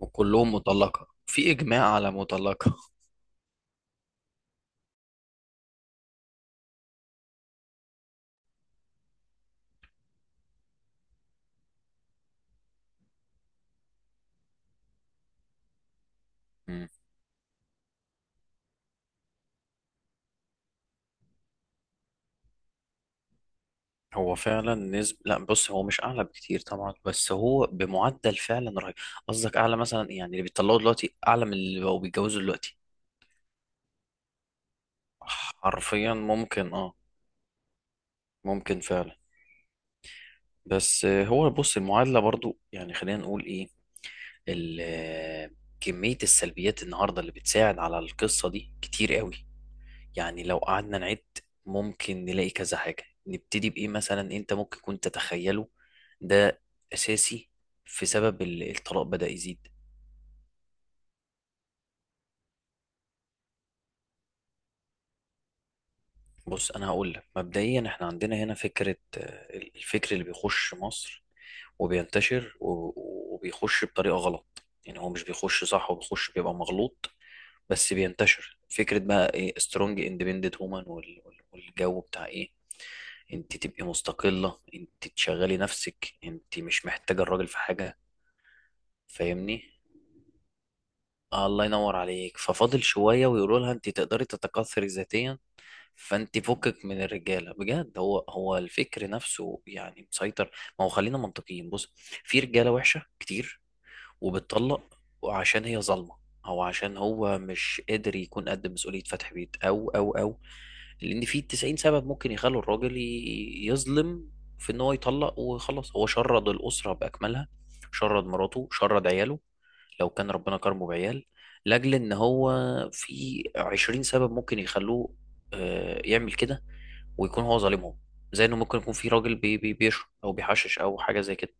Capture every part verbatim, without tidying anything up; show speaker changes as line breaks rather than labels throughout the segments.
وكلهم مطلقة، في إجماع على مطلقة. مم. هو فعلا نسب، لا بص هو مش أعلى بكتير طبعا، بس هو بمعدل فعلا رهيب. قصدك أعلى مثلا، يعني اللي بيطلقوا دلوقتي أعلى من اللي بقوا بيتجوزوا دلوقتي. حرفيا ممكن، اه. ممكن فعلا. بس آه، هو بص، المعادلة برضو يعني خلينا نقول ايه. ال- آه، كمية السلبيات النهاردة اللي بتساعد على القصة دي كتير قوي. يعني لو قعدنا نعد، ممكن نلاقي كذا حاجة. نبتدي بإيه مثلا؟ أنت ممكن كنت تتخيله ده أساسي في سبب ال- الطلاق بدأ يزيد. بص، أنا هقول لك مبدئيا، إحنا عندنا هنا فكرة. آه، الفكر اللي بيخش مصر وبينتشر، و- وبيخش بطريقة غلط، يعني هو مش بيخش صح، هو بيخش بيبقى مغلوط، بس بينتشر. فكرة بقى إيه؟ سترونج اندبندنت وومن، والجو بتاع إيه. انت تبقي مستقلة، انت تشغلي نفسك، انت مش محتاجة الراجل في حاجة. فاهمني؟ آه، الله ينور عليك. ففاضل شوية ويقولوا لها انت تقدري تتكاثري ذاتيا، فانت فكك من الرجالة بجد. هو هو الفكر نفسه يعني مسيطر. ما هو خلينا منطقيين، بص، في رجالة وحشة كتير وبتطلق، وعشان هي ظالمة، او عشان هو مش قادر يكون قد مسؤولية فتح بيت، او او او. لان في تسعين سبب ممكن يخلوا الراجل ي- يظلم، في ان هو يطلق وخلاص. هو شرد الاسره باكملها، شرد مراته، شرد عياله، لو كان ربنا كرمه بعيال. لاجل ان هو، في عشرين سبب ممكن يخلوه آه، يعمل كده، ويكون هو ظالمهم. زي انه ممكن يكون في راجل بي بي بيشرب او بيحشش او حاجه زي كده،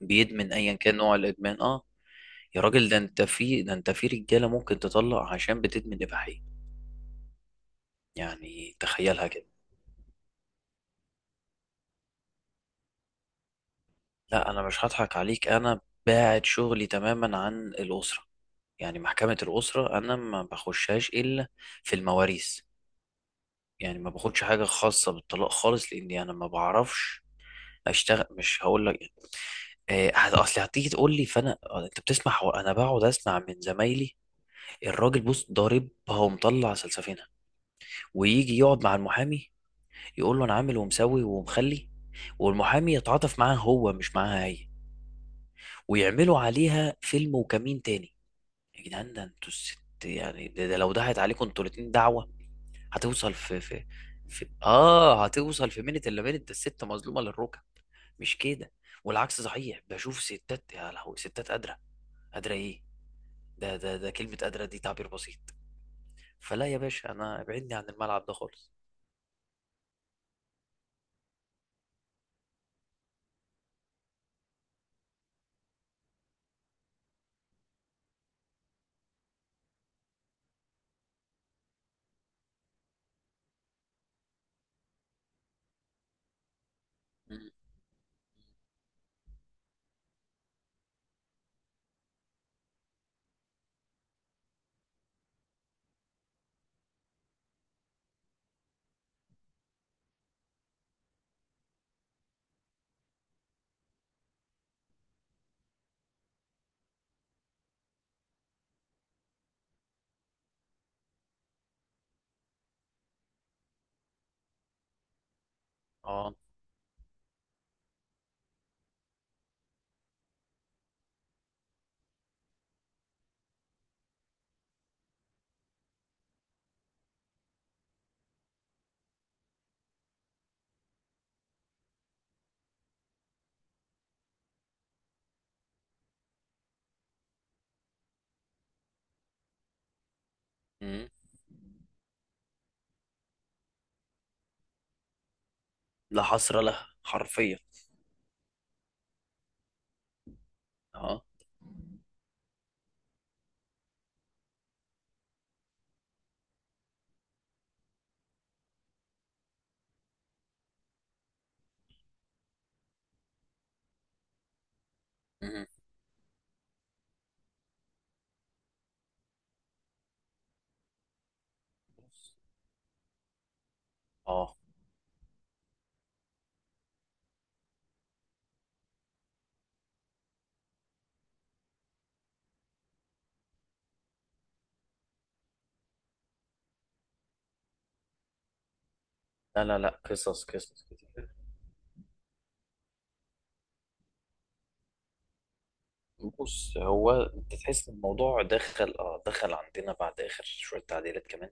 بيدمن، ايا كان نوع الادمان، اه. يا راجل، ده انت في ده انت في رجاله ممكن تطلق عشان بتدمن اباحيه، يعني تخيلها كده. لا انا مش هضحك عليك، انا باعد شغلي تماما عن الاسره، يعني محكمه الاسره انا ما بخشهاش الا في المواريث. يعني ما باخدش حاجه خاصه بالطلاق خالص، لاني انا ما بعرفش اشتغل. مش هقول لك، آه، هت- اصل هتيجي تقول لي، فانا آه، انت بتسمع. حو- انا بقعد اسمع من زمايلي، الراجل بص ضاربها ومطلع سلسفينها، ويجي يقعد مع المحامي، يقول له انا عامل ومسوي ومخلي، والمحامي يتعاطف معاه هو، مش معاها هي، ويعملوا عليها فيلم وكمين تاني. يا جدعان، ده انتوا الست. يعني ده, ده لو ضاعت عليكم انتوا الاتنين دعوة، هتوصل في في في اه هتوصل في منت الا منت، ده الست مظلومة للركب، مش كده؟ والعكس صحيح، بشوف ستات يا لهوي، ستات قادرة. قادرة ايه! ده ده ده كلمة قادرة دي تعبير بسيط. فلا يا باشا، انا ابعدني عن الملعب ده خالص. مم. اه. مم. لا حصر لها حرفيا. اه. مم. اه. لا لا لا، قصص، قصص كتير. بص، هو انت تحس ان الموضوع دخل اه دخل عندنا بعد اخر شويه تعديلات كمان.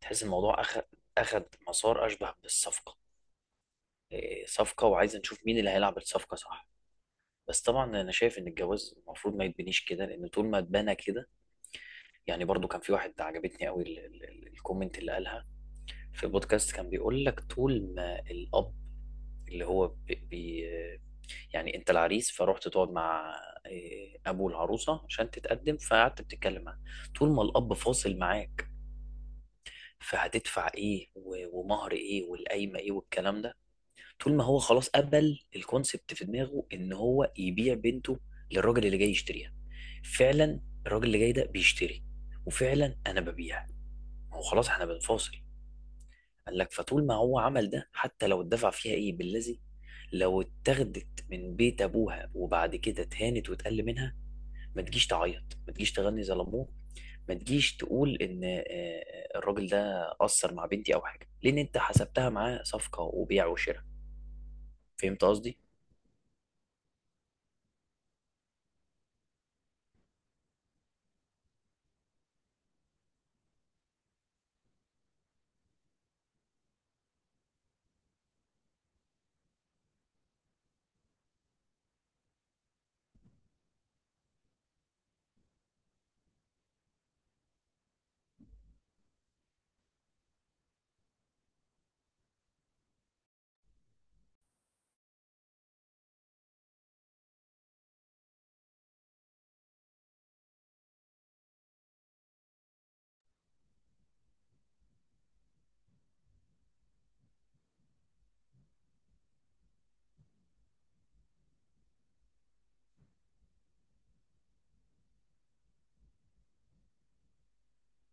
تحس الموضوع اخد اخد مسار اشبه بالصفقه. إيه، صفقه، وعايز نشوف مين اللي هيلعب الصفقه صح. بس طبعا انا شايف ان الجواز المفروض ما يتبنيش كده، لان طول ما اتبنى كده. يعني برضو كان في واحد عجبتني قوي ال- ال- ال- الكومنت اللي قالها في البودكاست. كان بيقول لك، طول ما الاب، اللي هو بي بي يعني انت العريس، فروحت تقعد مع إيه، ابو العروسه، عشان تتقدم، فقعدت بتتكلم معاه، طول ما الاب فاصل معاك فهتدفع ايه، و- ومهر ايه، والقايمه ايه، والكلام ده. طول ما هو خلاص قبل الكونسبت في دماغه ان هو يبيع بنته للراجل اللي جاي يشتريها، فعلا الراجل اللي جاي ده بيشتري، وفعلا انا ببيع. ما هو خلاص احنا بنفاصل. قال لك، فطول ما هو عمل ده، حتى لو اتدفع فيها ايه بالذي، لو اتاخدت من بيت ابوها وبعد كده اتهانت واتقل منها، ما تجيش تعيط، ما تجيش تغني زي لموه، ما تجيش تقول ان آه، الراجل ده قصر مع بنتي او حاجه، لان انت حسبتها معاه صفقه وبيع وشراء. فهمت قصدي؟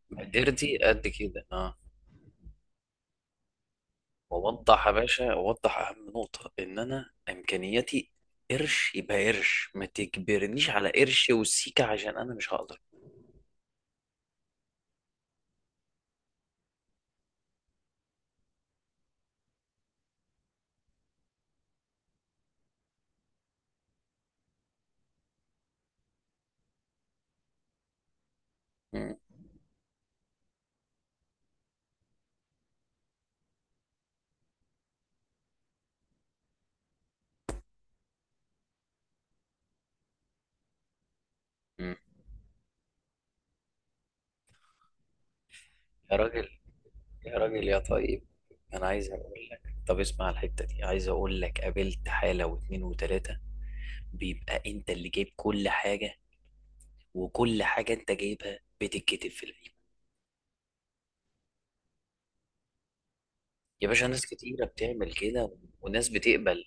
مقدرتي قد كده، اه. ووضح يا باشا، ووضح اهم نقطة، ان انا امكانياتي قرش يبقى قرش، ما تجبرنيش على قرش وسيكة عشان انا مش هقدر. مم. مم. يا راجل، يا راجل يا طيب، انا عايز اقول لك. طب اسمع الحتة دي، عايز اقول لك قابلت حالة واتنين وتلاتة، بيبقى انت اللي جايب كل حاجة، وكل حاجة انت جايبها بتتكتب في العيب. يا باشا، ناس كتيرة بتعمل كده وناس بتقبل.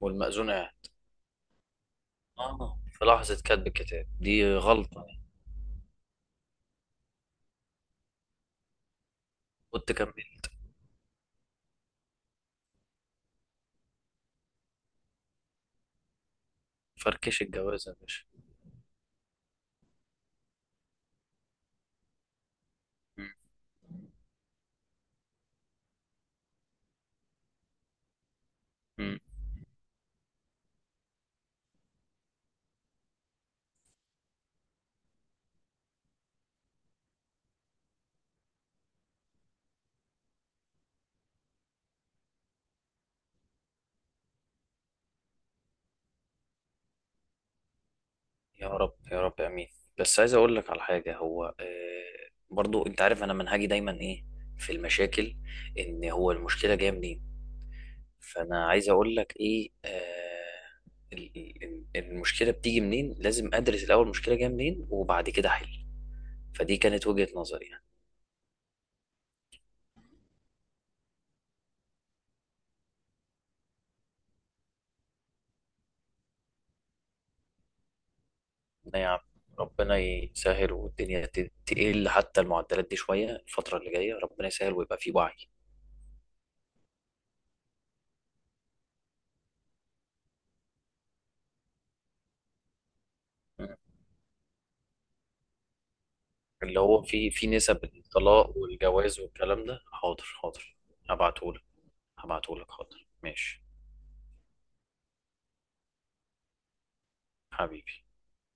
والمأذون قاعد. اه، في لحظة كتب الكتاب دي غلطة. كنت كملت، فركش الجواز يا باشا. مم. مم. يا رب، يا رب، امين. بس عايز اقول لك على حاجة، هو آه برضو انت عارف انا منهجي دايما ايه في المشاكل. ان هو المشكلة جاية منين، فانا عايز اقول لك ايه، آه ال- ال- المشكله بتيجي منين. لازم ادرس الاول المشكله جايه منين وبعد كده احل. فدي كانت وجهه نظري يعني. أنا يا عم، ربنا يسهل والدنيا ت- تقل، حتى المعدلات دي شويه الفتره اللي جايه ربنا يسهل ويبقى في وعي. مم. اللي هو في في نسب الطلاق والجواز والكلام ده، حاضر حاضر. هبعتهولك. هبعتهولك حاضر، ماشي. حبيبي.